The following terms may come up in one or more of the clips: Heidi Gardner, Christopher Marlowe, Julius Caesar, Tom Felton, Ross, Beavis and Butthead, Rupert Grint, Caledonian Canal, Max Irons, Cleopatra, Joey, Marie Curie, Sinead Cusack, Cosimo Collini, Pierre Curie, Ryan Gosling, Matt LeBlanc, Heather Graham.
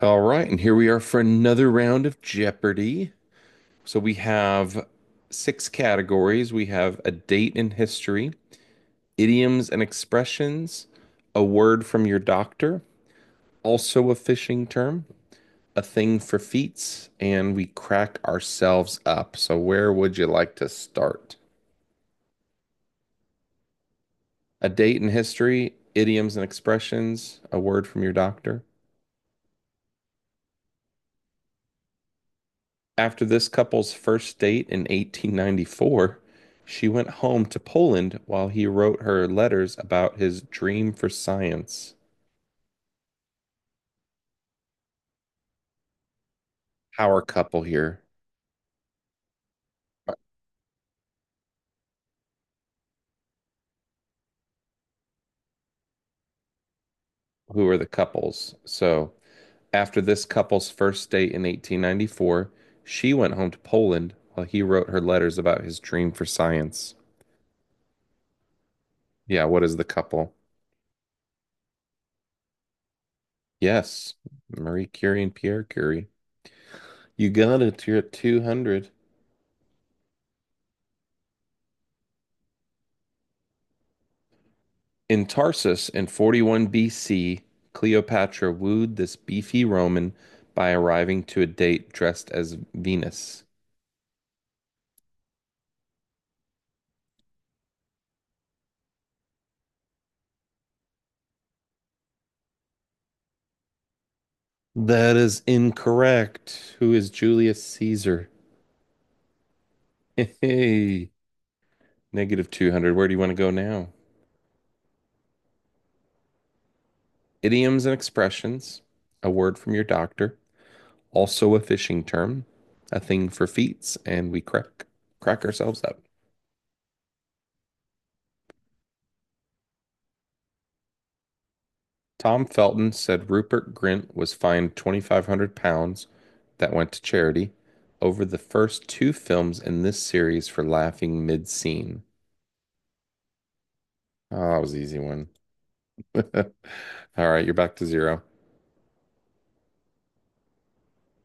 All right, and here we are for another round of Jeopardy. So we have six categories. We have a date in history, idioms and expressions, a word from your doctor, also a fishing term, a thing for feats, and we crack ourselves up. So where would you like to start? A date in history, idioms and expressions, a word from your doctor. After this couple's first date in 1894, she went home to Poland while he wrote her letters about his dream for science. Our couple here. Who are the couples? So, after this couple's first date in 1894, she went home to Poland while he wrote her letters about his dream for science. Yeah, what is the couple? Yes, Marie Curie and Pierre Curie. You got it. You're at 200. In Tarsus in 41 BC, Cleopatra wooed this beefy Roman by arriving to a date dressed as Venus. That is incorrect. Who is Julius Caesar? Hey, negative 200. Where do you want to go now? Idioms and expressions, a word from your doctor, also a fishing term, a thing for feats, and we crack ourselves up. Tom Felton said Rupert Grint was fined £2,500 that went to charity over the first two films in this series for laughing mid-scene. Oh, that was an easy one. All right, you're back to zero.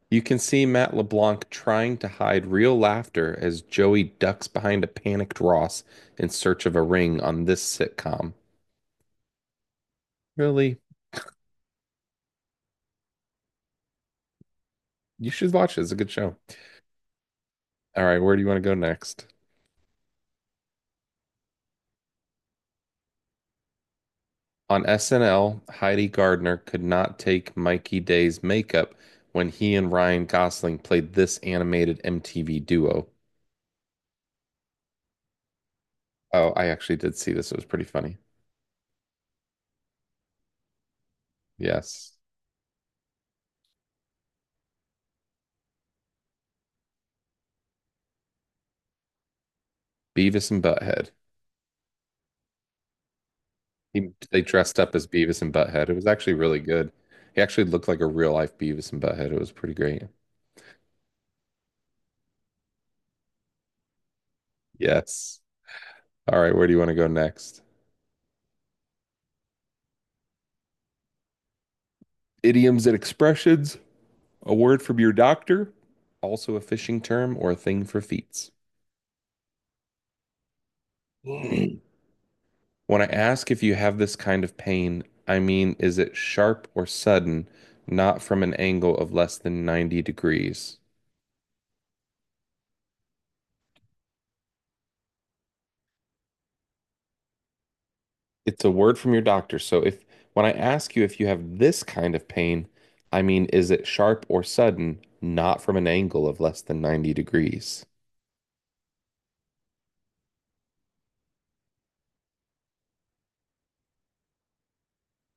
You can see Matt LeBlanc trying to hide real laughter as Joey ducks behind a panicked Ross in search of a ring on this sitcom. Really? You should watch it. It's a good show. All right, where do you want to go next? On SNL, Heidi Gardner could not take Mikey Day's makeup when he and Ryan Gosling played this animated MTV duo. Oh, I actually did see this. It was pretty funny. Yes. Beavis and Butthead. They dressed up as Beavis and Butthead. It was actually really good. He actually looked like a real life Beavis and Butthead. It was pretty great. Yes. All right, where do you want to go next? Idioms and expressions, a word from your doctor, also a fishing term or a thing for feats. When I ask if you have this kind of pain, I mean, is it sharp or sudden, not from an angle of less than 90 degrees? It's a word from your doctor. So if when I ask you if you have this kind of pain, I mean, is it sharp or sudden, not from an angle of less than 90 degrees?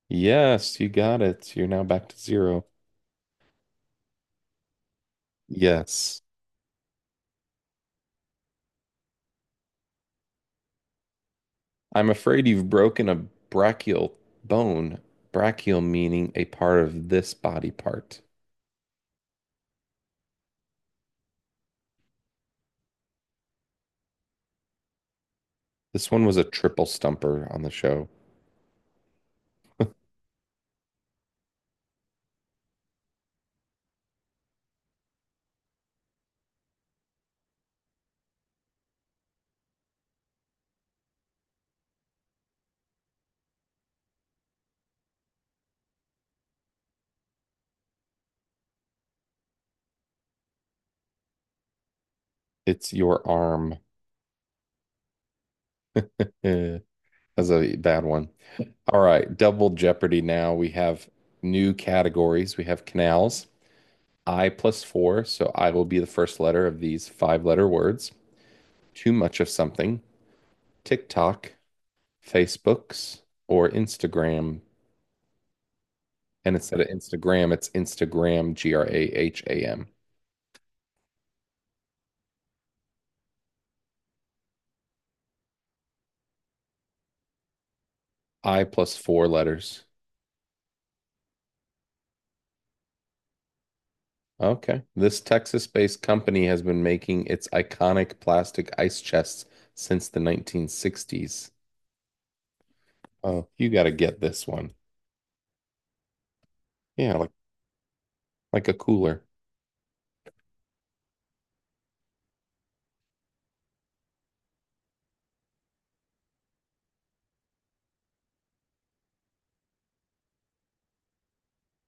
Yes, you got it. You're now back to zero. Yes. I'm afraid you've broken a brachial bone. Brachial meaning a part of this body part. This one was a triple stumper on the show. It's your arm. Eh, that's a bad one. All right, double jeopardy now. We have new categories. We have canals, I plus four. So I will be the first letter of these five letter words. Too much of something, TikTok, Facebooks, or Instagram. And instead of Instagram, it's Instagram, Graham. I plus four letters. Okay. This Texas-based company has been making its iconic plastic ice chests since the 1960s. Oh, you got to get this one. Yeah, like a cooler.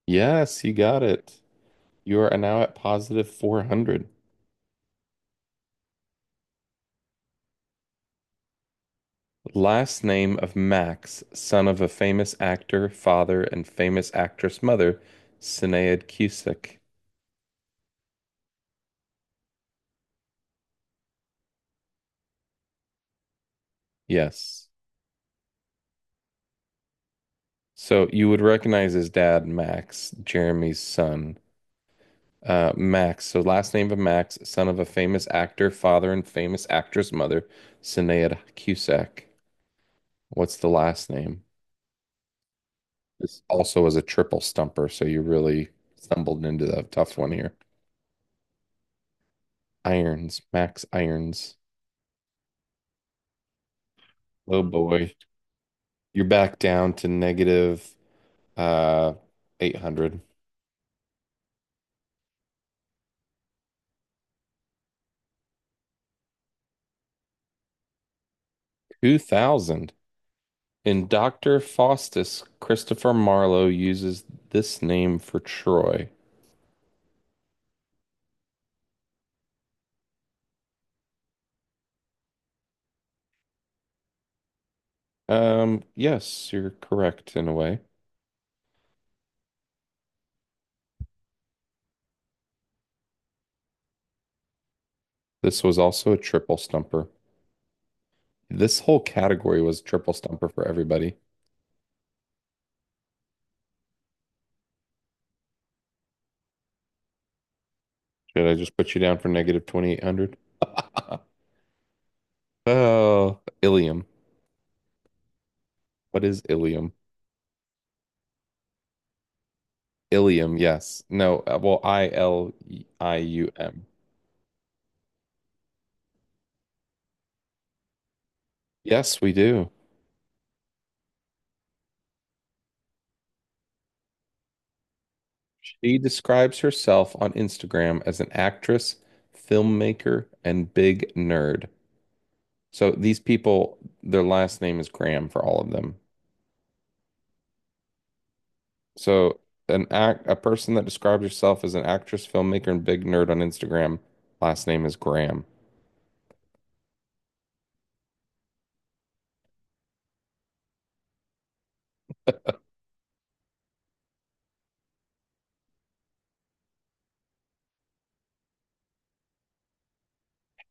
Yes, you got it. You are now at positive 400. Last name of Max, son of a famous actor, father, and famous actress mother, Sinead Cusick. Yes. So you would recognize his dad, Max, Jeremy's son. Max. So last name of Max, son of a famous actor, father and famous actress mother, Sinead Cusack. What's the last name? This also was a triple stumper, so you really stumbled into the tough one here. Irons, Max Irons. Oh boy. You're back down to negative uh 800. 2000. In Dr. Faustus, Christopher Marlowe uses this name for Troy. Yes, you're correct in a way. This was also a triple stumper. This whole category was triple stumper for everybody. Should I just put you down for negative 2,800? Oh, Ilium. What is Ilium? Ilium, yes. No, well, Ilium. Yes, we do. She describes herself on Instagram as an actress, filmmaker, and big nerd. So these people, their last name is Graham for all of them. So an act a person that describes herself as an actress, filmmaker, and big nerd on Instagram. Last name is Graham.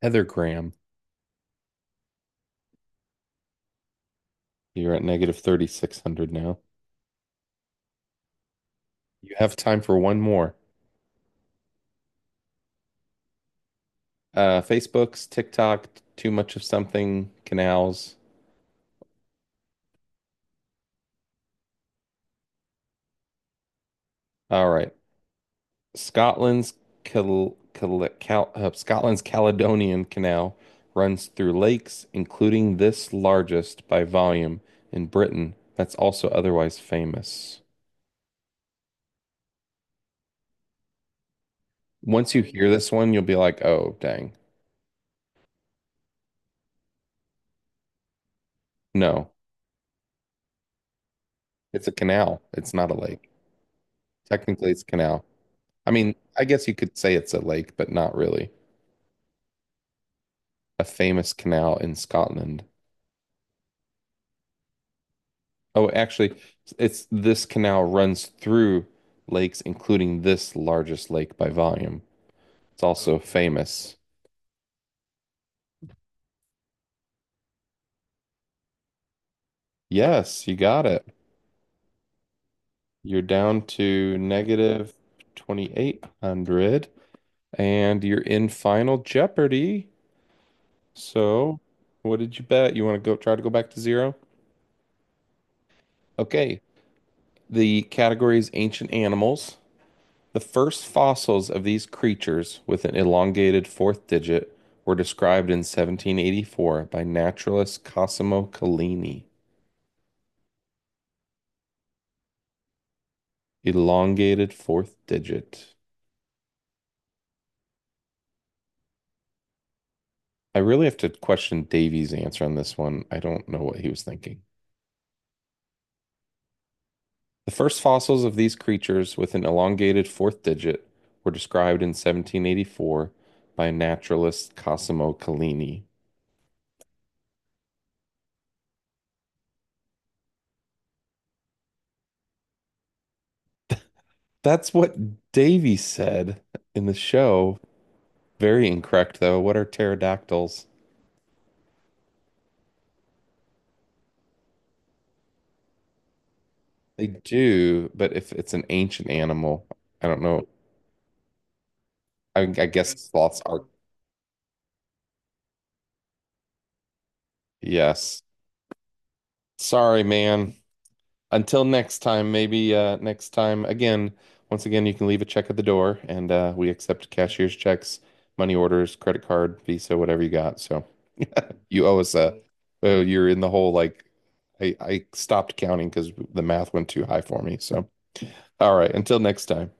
Heather Graham. You're at negative 3,600 now. You have time for one more. Facebook's TikTok, too much of something, canals. All right. Scotland's Scotland's Caledonian Canal runs through lakes, including this largest by volume in Britain, that's also otherwise famous. Once you hear this one, you'll be like, oh, dang. No, it's a canal. It's not a lake. Technically, it's a canal. I mean, I guess you could say it's a lake, but not really. A famous canal in Scotland. Oh, actually, it's this canal runs through lakes, including this largest lake by volume. It's also famous. Yes, you got it. You're down to negative 2,800, and you're in Final Jeopardy. So, what did you bet? You want to go try to go back to zero? Okay. The category is ancient animals. The first fossils of these creatures with an elongated fourth digit were described in 1784 by naturalist Cosimo Collini. Elongated fourth digit. I really have to question Davy's answer on this one. I don't know what he was thinking. The first fossils of these creatures with an elongated fourth digit were described in 1784 by naturalist Cosimo Collini. That's what Davy said in the show. Very incorrect, though. What are pterodactyls? They do, but if it's an ancient animal, I don't know. I guess sloths are. Yes. Sorry, man. Until next time, maybe next time, again, once again, you can leave a check at the door and we accept cashier's checks, money orders, credit card, Visa, whatever you got. So you owe us oh, you're in the whole like, I stopped counting because the math went too high for me. So, all right, until next time.